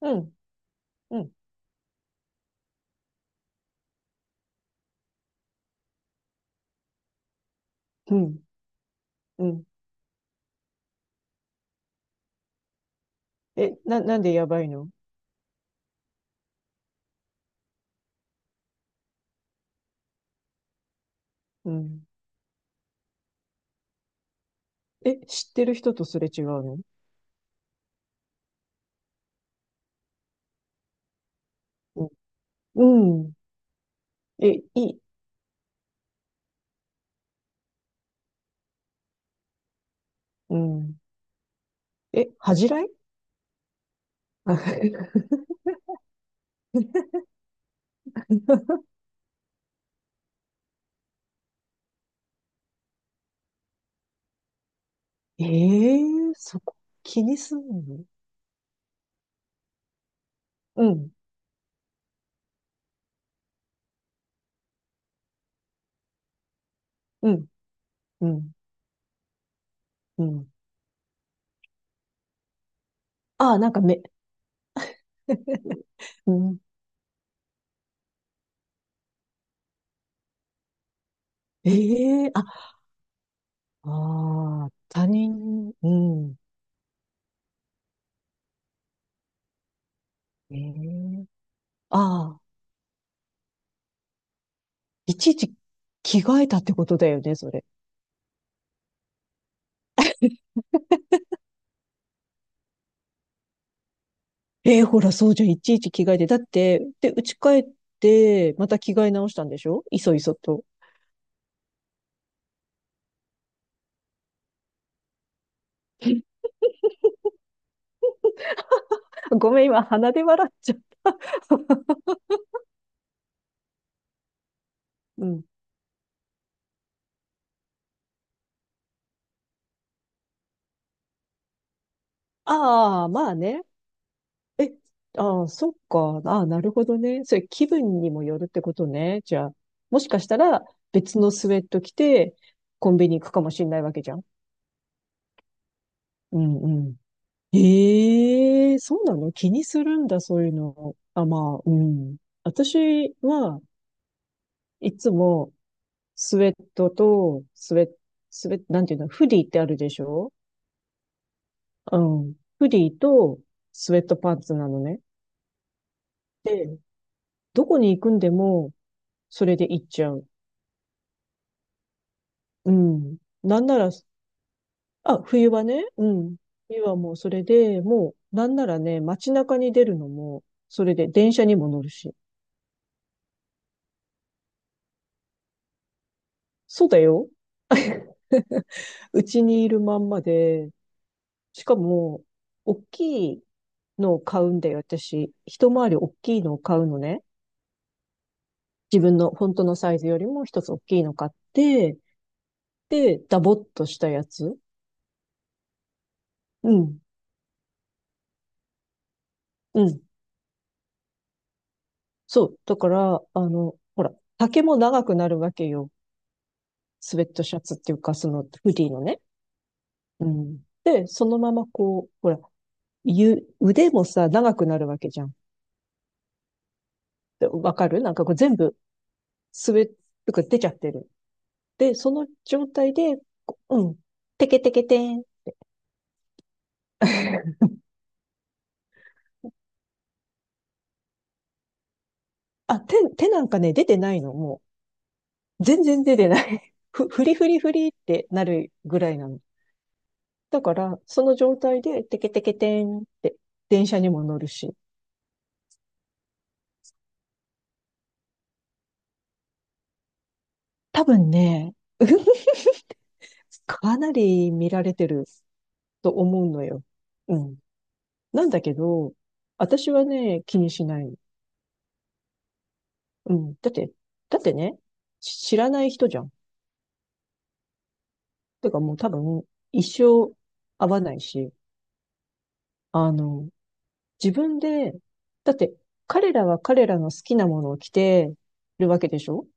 うん、うん、うん、うん。え、なんでやばいの？うん。え、知ってる人とすれ違うの？うん。うん。え、いい。うん。え、恥じらい。あ ええー、そこ気にすんの？うん、うん、うん、うん。ああ、なんか目。うん、ええー、あ、ああ、他人、うん。ええー、ああ、いちいち着替えたってことだよね、それ。えーほら、そうじゃん。いちいち着替えて。だって、で、家帰って、また着替え直したんでしょ、いそいそと。ごめん、今、鼻で笑っちゃう。うん。ああ、まあね。え、ああ、そっか。ああ、なるほどね。それ、気分にもよるってことね。じゃあ、もしかしたら、別のスウェット着て、コンビニ行くかもしんないわけじゃん。うんうん。ええ、そうなの？気にするんだ、そういうの。あ、まあ、うん。私は、いつも、スウェットと、スウェット、スウェット、なんていうの、フディってあるでしょ？うん。フディとスウェットパンツなのね。で、どこに行くんでも、それで行っちゃう。うん。なんなら、あ、冬はね、うん。冬はもうそれで、もう、なんならね、街中に出るのも、それで電車にも乗るし。そうだよ。うちにいるまんまで、しかも、大きいのを買うんだよ、私。一回り大きいのを買うのね。自分の本当のサイズよりも一つ大きいの買って、で、ダボっとしたやつ。うん、うん。そう。だから、あの、ほら、丈も長くなるわけよ。スウェットシャツっていうか、そのフリーのね。うん。で、そのままこう、ほら、腕もさ、長くなるわけじゃん。でわかる？なんかこう全部、スウェットが出ちゃってる。で、その状態で、こう、うん。テケテケテン。あ、手なんかね、出てないの、もう。全然出てない。ふりふりふりってなるぐらいなの。だから、その状態で、テケテケテンって、電車にも乗るし。多分ね、かなり見られてると思うのよ。うん。なんだけど、私はね、気にしない。うん。だってね、知らない人じゃん。てかもう多分、一生会わないし、あの、自分で、だって、彼らは彼らの好きなものを着てるわけでしょ？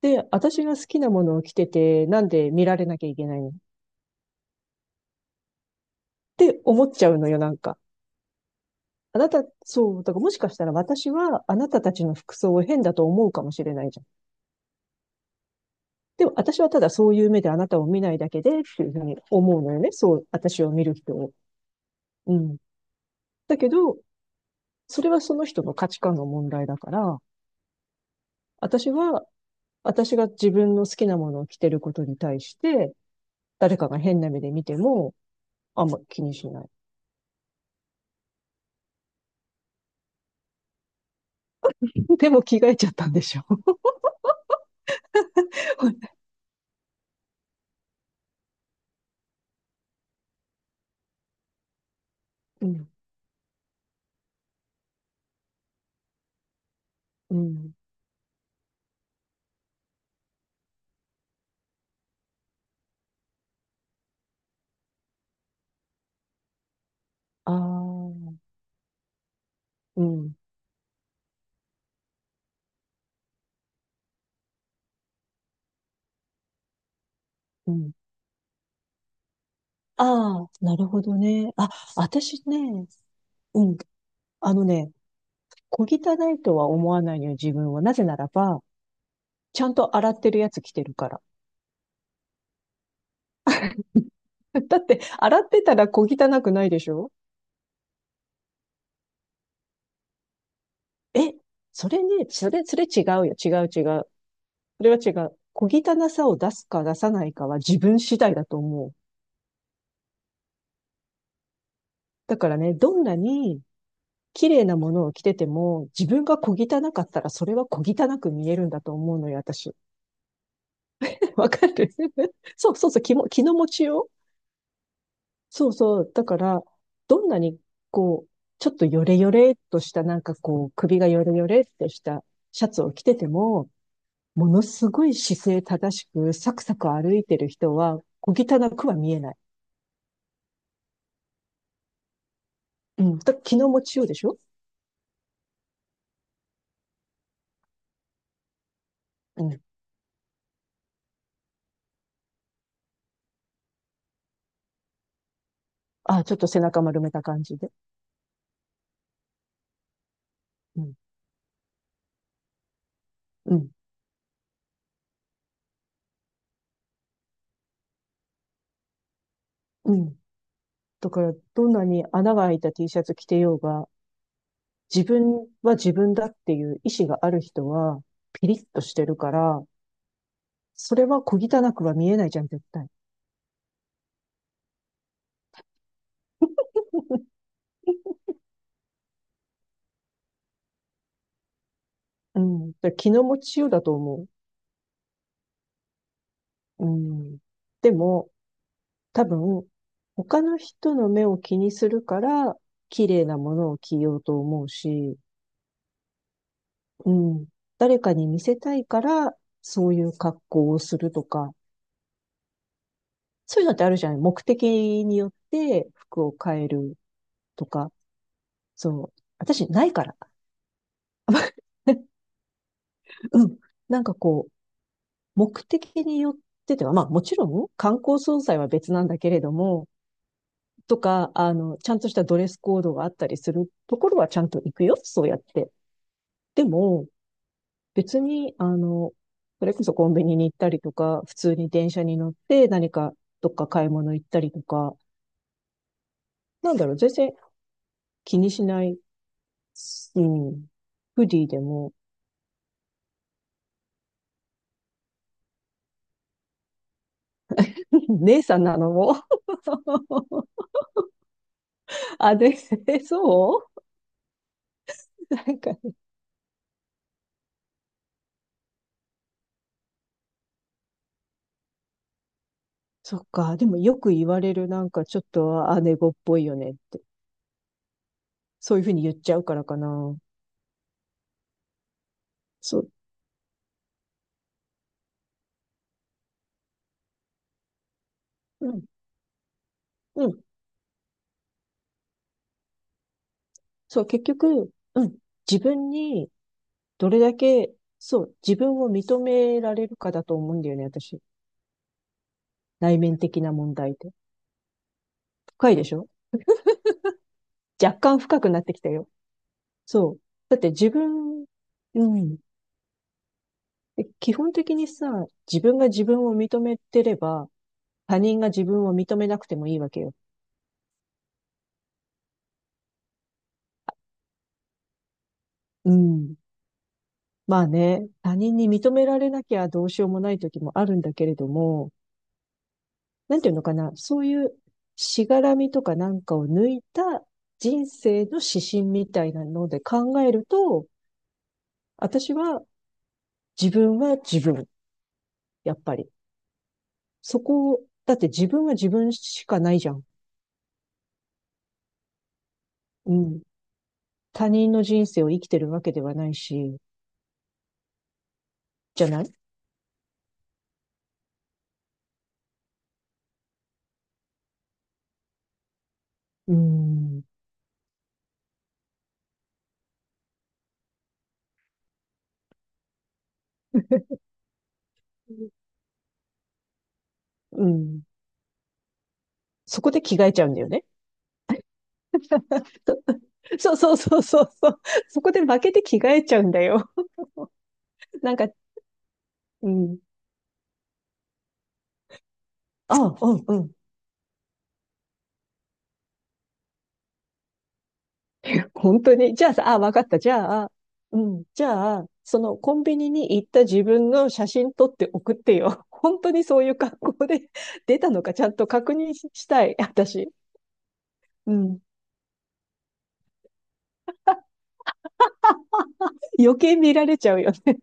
で、私が好きなものを着てて、なんで見られなきゃいけないの？って思っちゃうのよ、なんか。あなた、そう、だからもしかしたら私はあなたたちの服装を変だと思うかもしれないじゃん。でも私はただそういう目であなたを見ないだけでっていうふうに思うのよね。そう、私を見る人を。うん。だけど、それはその人の価値観の問題だから、私は、私が自分の好きなものを着てることに対して、誰かが変な目で見ても、あんま気にしない。でも着替えちゃったんでしょ？うん。うん。ああ、うん、うん。ああ、なるほどね。あ、私ね、うん、あのね、小汚いとは思わないのよ、自分は。なぜならば、ちゃんと洗ってるやつ着てるから。だって、洗ってたら小汚くないでしょ？え、それね、それ違うよ、違う違う。それは違う。小汚さを出すか出さないかは自分次第だと思う。だからね、どんなに綺麗なものを着てても、自分が小汚かったらそれは小汚く見えるんだと思うのよ、私。わかる そうそうそう、気の持ちよう。そうそう。だから、どんなに、こう、ちょっとヨレヨレっとした、なんかこう、首がヨレヨレっとしたシャツを着てても、ものすごい姿勢正しく、サクサク歩いてる人は、小汚くは見えない。うん。気の持ちようでしょ？うん。あ、ちょっと背中丸めた感じで。うん。うん。うん。だから、どんなに穴が開いた T シャツ着てようが、自分は自分だっていう意志がある人は、ピリッとしてるから、それは小汚くは見えないじゃん、絶対。うん。だから気の持ちようだと思う。うん。でも、多分、他の人の目を気にするから、綺麗なものを着ようと思うし、うん。誰かに見せたいから、そういう格好をするとか、そういうのってあるじゃない？目的によって服を変えるとか、そう。私、ないから。うん。なんかこう、目的によってては、まあもちろん観光総裁は別なんだけれども、とか、ちゃんとしたドレスコードがあったりするところはちゃんと行くよ、そうやって。でも、別に、それこそコンビニに行ったりとか、普通に電車に乗って何かどっか買い物行ったりとか、なんだろう、全然気にしない、うん、フリーでも、姉さんなのも、あ、で、そう、なんか、そっか。でもよく言われる、なんかちょっと姉子っぽいよねって。そういうふうに言っちゃうからかな。そう、うん、うん。そう、結局、うん。自分にどれだけ、そう、自分を認められるかだと思うんだよね、私。内面的な問題って。深いでしょ？若干深くなってきたよ。そう。だって自分、うん。で基本的にさ、自分が自分を認めてれば、他人が自分を認めなくてもいいわけよ。うん。まあね、他人に認められなきゃどうしようもない時もあるんだけれども、なんていうのかな、そういうしがらみとかなんかを抜いた人生の指針みたいなので考えると、私は自分は自分、やっぱり。そこを、だって自分は自分しかないじゃん。うん。他人の人生を生きてるわけではないし、じゃない？うん。うん。そこで着替えちゃうんだよね。そうそうそうそうそう。そこで負けて着替えちゃうんだよ。なんか、うん。あ、うんうん。本当に。じゃあさ、あ、わかった。じゃあ、うん。じゃあ、そのコンビニに行った自分の写真撮って送ってよ。本当にそういう格好で出たのかちゃんと確認したい。私。うん。余計見られちゃうよね。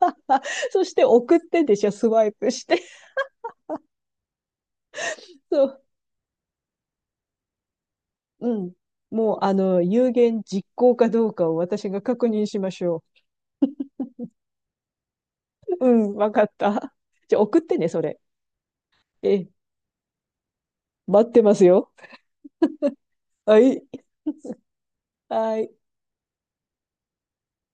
あ、そして送ってでしょ？スワイプして。そう。うん。もう、有言実行かどうかを私が確認しましょう。うん、わかった。じゃあ送ってね、それ。ええ、待ってますよ。はい。はい。